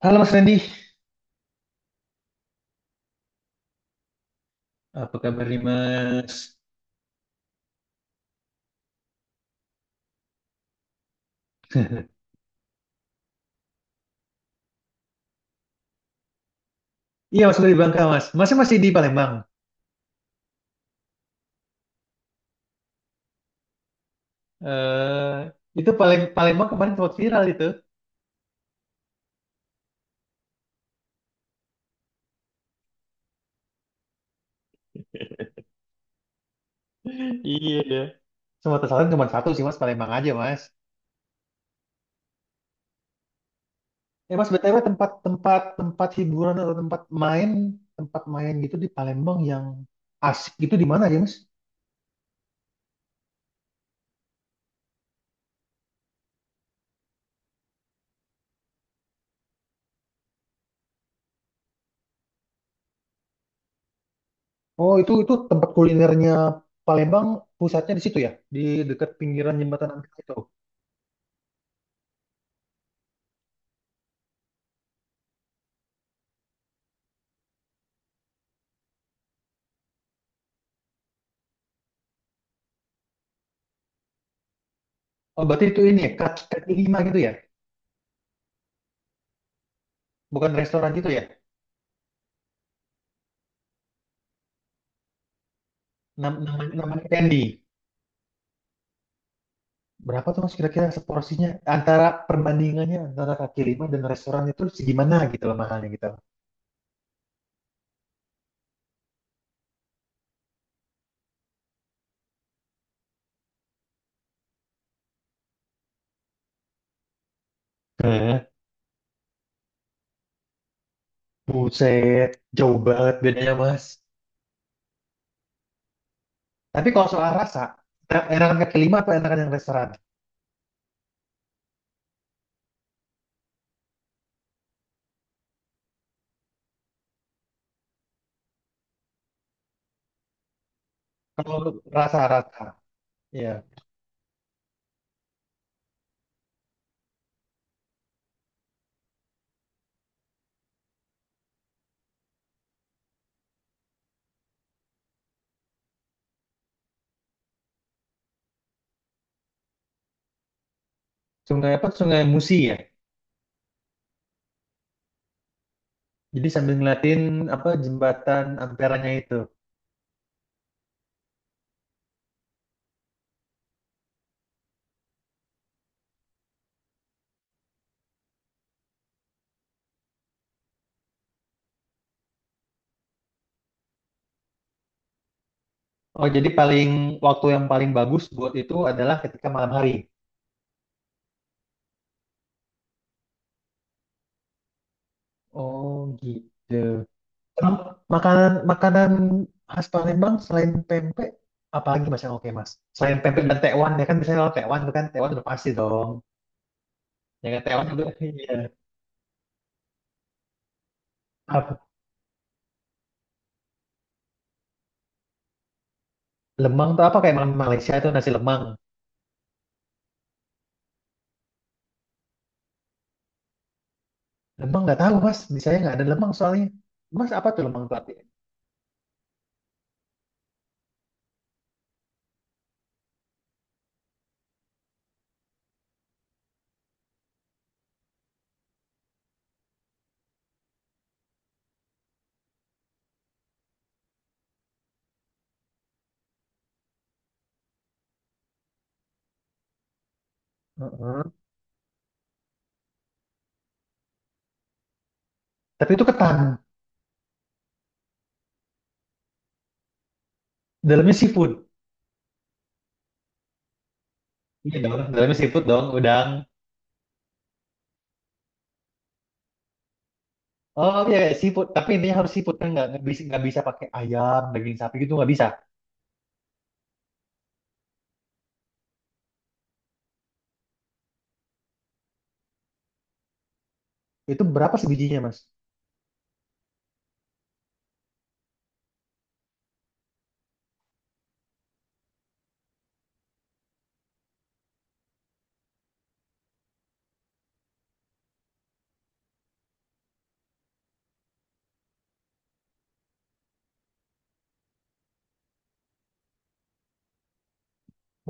Halo Mas Randy, apa kabar nih Mas? Iya Mas, dari Bangka Mas, Masnya masih di Palembang. Eh, itu Palembang kemarin sempat viral itu. Iya ya. Semua kesalahan cuma satu sih Mas, Palembang aja Mas. Eh Mas, BTW tempat tempat tempat hiburan atau tempat main gitu di Palembang yang asik itu di mana ya Mas? Oh itu tempat kulinernya Palembang pusatnya di situ ya, di dekat pinggiran jembatan Ampera itu. Oh berarti itu ini ya, kaki lima gitu ya, bukan restoran gitu ya? Namanya Candy. Berapa tuh Mas kira-kira seporsinya, antara perbandingannya antara kaki lima dan restoran itu segimana gitu loh, mahalnya gitu. Eh, buset, jauh banget bedanya Mas. Tapi kalau soal rasa, enakan kaki lima atau enakan yang restoran? Kalau rasa-rasa, ya. Sungai apa? Sungai Musi ya. Jadi sambil ngeliatin apa, jembatan Amperanya itu. Oh, jadi paling waktu yang paling bagus buat itu adalah ketika malam hari. Oh, gitu. Emang makanan makanan khas Palembang selain pempek apalagi Mas yang oke Mas? Selain pempek dan tekwan ya kan, biasanya kalau tekwan tuh kan, tekwan udah pasti dong. Ya kan tekwan itu iya. Apa? Lemang tuh apa, kayak makanan Malaysia itu nasi lemang. Lemang nggak tahu Mas, di saya nggak ada lemang soalnya. Mas apa tuh lemang tuh artinya? Heeh. Tapi itu ketan, dalamnya seafood. Iya dong, dalamnya seafood dong, udang. Oh iya iya, seafood, tapi intinya harus seafood kan, nggak bisa pakai ayam, daging sapi gitu nggak bisa. Itu berapa sebijinya Mas?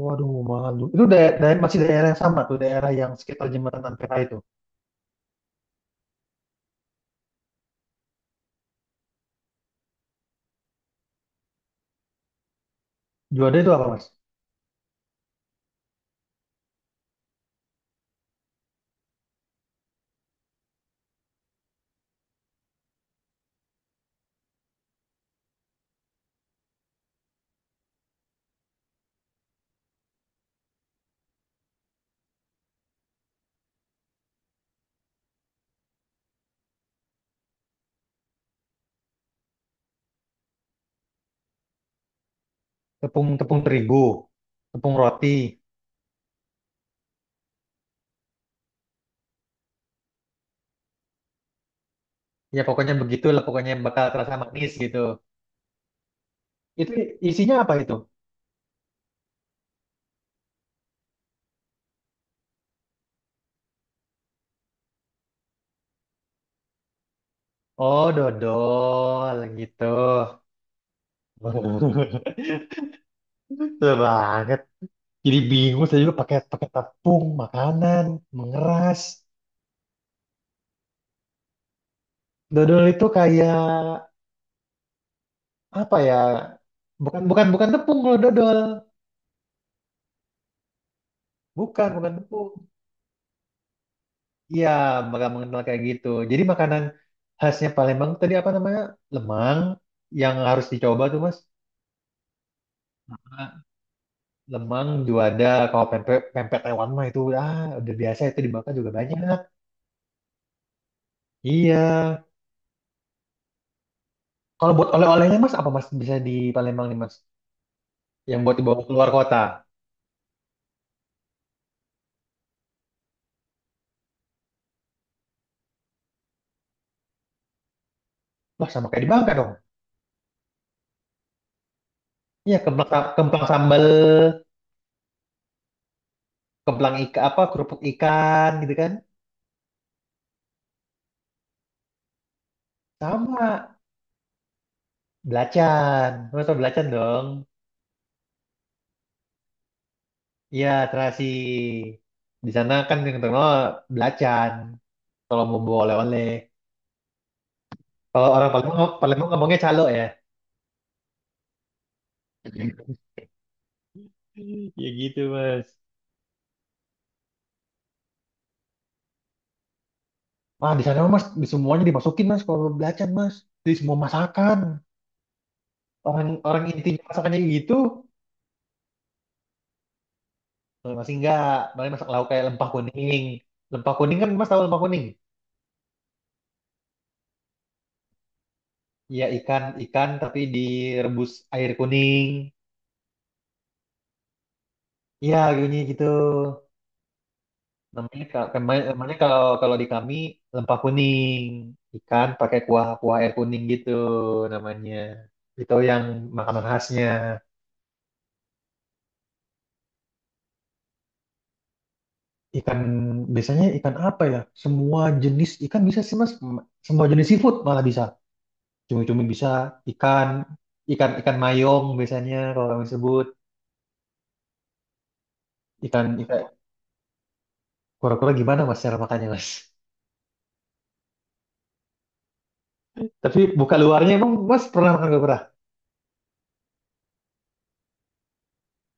Waduh, malu. Itu masih daerah yang sama tuh, daerah yang sekitar jembatan Ampera itu. Juanda itu apa, Mas? Tepung tepung terigu, tepung roti. Ya pokoknya begitulah, pokoknya yang bakal terasa manis gitu. Itu isinya apa itu? Oh, dodol gitu. Betul banget. Jadi bingung saya, juga pakai pakai tepung makanan mengeras. Dodol itu kayak apa ya? Bukan bukan bukan tepung kalau dodol. Bukan, bukan tepung. Iya, bakal mengenal kayak gitu. Jadi makanan khasnya Palembang tadi apa namanya? Lemang yang harus dicoba tuh, Mas. Sama Lemang, juada, kalau pempek pempek Taiwan mah itu udah biasa, itu dibakar juga banyak. Iya. Kalau buat oleh-olehnya Mas apa Mas bisa di Palembang nih, Mas? Yang buat dibawa keluar kota. Wah, sama kayak di Bangka dong. Iya, kemplang, kemplang sambal, kemplang ika apa kerupuk ikan gitu kan. Sama belacan. Mas tau belacan dong. Iya, terasi. Di sana kan yang terkenal belacan. Kalau mau bawa oleh-oleh. Kalau orang Palembang ngomongnya calo ya. Ya gitu, Mas. Wah, di sana Mas, di semuanya dimasukin, Mas, kalau belacan, Mas. Di semua masakan. Orang orang intinya masakannya gitu. Kalau masih enggak, paling masak lauk kayak lempah kuning. Lempah kuning, kan Mas tahu lempah kuning? Ya ikan ikan tapi direbus air kuning. Iya, gini gitu. Namanya, namanya kalau kalau di kami lempah kuning, ikan pakai kuah kuah air kuning gitu namanya, itu yang makanan khasnya. Ikan biasanya, ikan apa ya, semua jenis ikan bisa sih Mas, semua jenis seafood malah bisa, cumi-cumi bisa, ikan ikan ikan mayong biasanya kalau kami sebut. Ikan ikan kura-kura gimana Mas cara makannya Mas, tapi buka luarnya, emang Mas pernah makan kura-kura?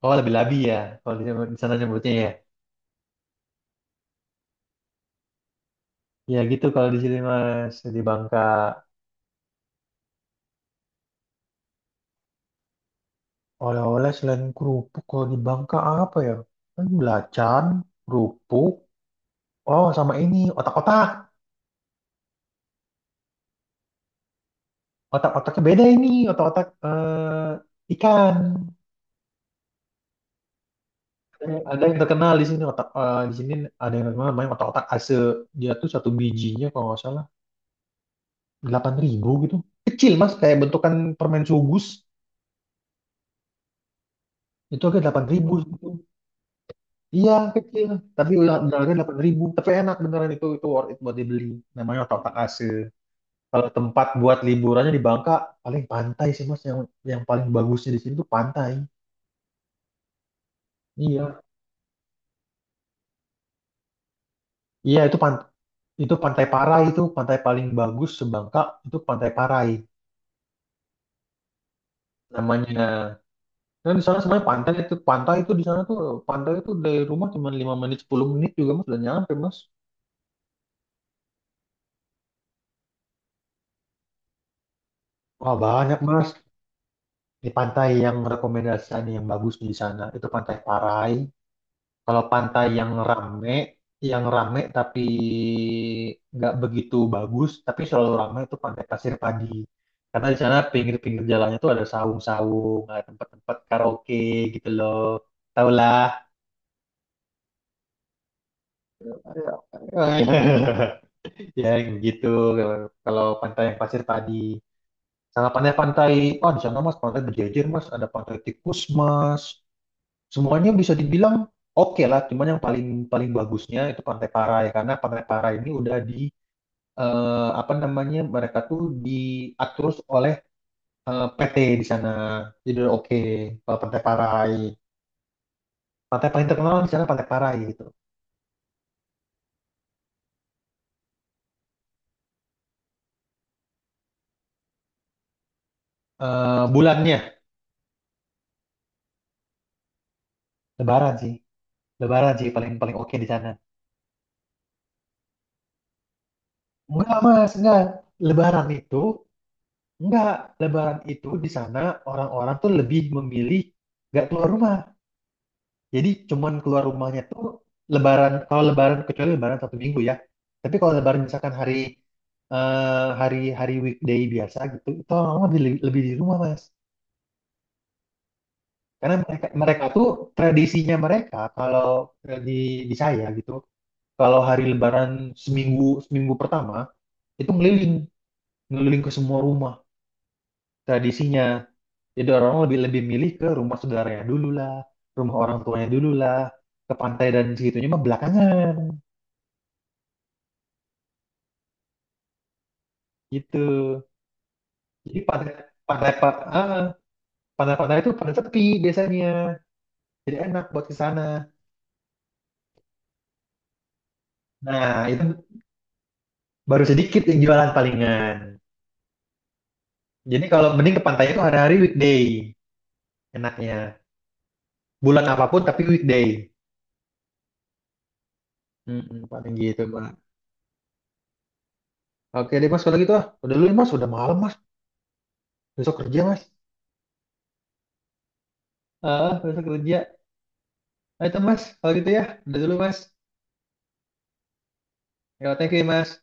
Oh lebih labi ya kalau di sana nyebutnya ya. Ya gitu kalau di sini Mas di Bangka. Oleh-oleh selain kerupuk kalau di Bangka apa ya? Kan belacan, kerupuk. Oh sama ini otak-otak. Otak-otaknya beda, ini otak-otak, eh, ikan. Ada yang terkenal di sini, otak, eh, di sini ada yang terkenal namanya otak-otak Ase. Dia tuh satu bijinya kalau nggak salah 8.000 gitu. Kecil Mas kayak bentukan permen sugus, itu harga 8.000. Iya kecil, tapi udah harganya 8.000. Tapi enak beneran, itu worth it buat dibeli. Namanya otak otak Ase. Kalau tempat buat liburannya di Bangka paling pantai sih Mas yang paling bagusnya di sini tuh pantai. Iya, iya, itu Pantai Parai, itu pantai paling bagus sebangka, itu Pantai Parai namanya. Nah, di sana sebenarnya pantai itu di sana tuh, pantai itu dari rumah cuma 5 menit 10 menit juga Mas udah nyampe Mas. Wah banyak Mas, di pantai yang rekomendasi yang bagus di sana itu Pantai Parai. Kalau pantai yang rame tapi nggak begitu bagus, tapi selalu ramai, itu pantai Pasir Padi. Karena di sana pinggir-pinggir jalannya tuh ada saung-saung, ada tempat-tempat karaoke gitu loh. Tau lah. Ya gitu kalau pantai yang Pasir Padi. Sama pantai-pantai, oh di sana Mas pantai berjejer Mas, ada pantai tikus Mas, semuanya bisa dibilang oke lah, cuman yang paling paling bagusnya itu Pantai Parai, karena Pantai Parai ini udah apa namanya, mereka tuh diatur oleh PT di sana, jadi udah oke kalau Pantai Parai, pantai paling terkenal di sana Pantai Parai gitu. Bulannya Lebaran sih Lebaran sih paling paling oke di sana. Enggak Mas enggak, Lebaran itu, enggak, Lebaran itu di sana orang-orang tuh lebih memilih nggak keluar rumah. Jadi cuman keluar rumahnya tuh lebaran, kalau lebaran kecuali lebaran 1 minggu ya. Tapi kalau lebaran misalkan hari hari weekday biasa gitu, itu orang lebih lebih di rumah Mas. Karena mereka mereka tuh tradisinya mereka kalau di saya gitu, kalau hari lebaran seminggu seminggu pertama itu ngeliling ngeliling ke semua rumah tradisinya. Jadi orang lebih lebih milih ke rumah saudaranya dulu lah, rumah orang tuanya dulu lah, ke pantai dan segitunya mah belakangan gitu. Jadi pantai pantai pa- ah, pantai-pantai itu pada sepi biasanya. Jadi enak buat ke sana. Nah, itu baru sedikit yang jualan palingan. Jadi kalau mending ke pantai itu hari-hari weekday enaknya. Bulan apapun tapi weekday. Mm-mm, paling gitu, Mbak. Oke deh, Mas. Kalau gitu, udah dulu, ya, Mas. Udah malam, Mas. Besok kerja, Mas. Ah, besok kerja. Nah, itu, Mas. Kalau gitu ya. Udah dulu, Mas. Ya, thank you, Mas.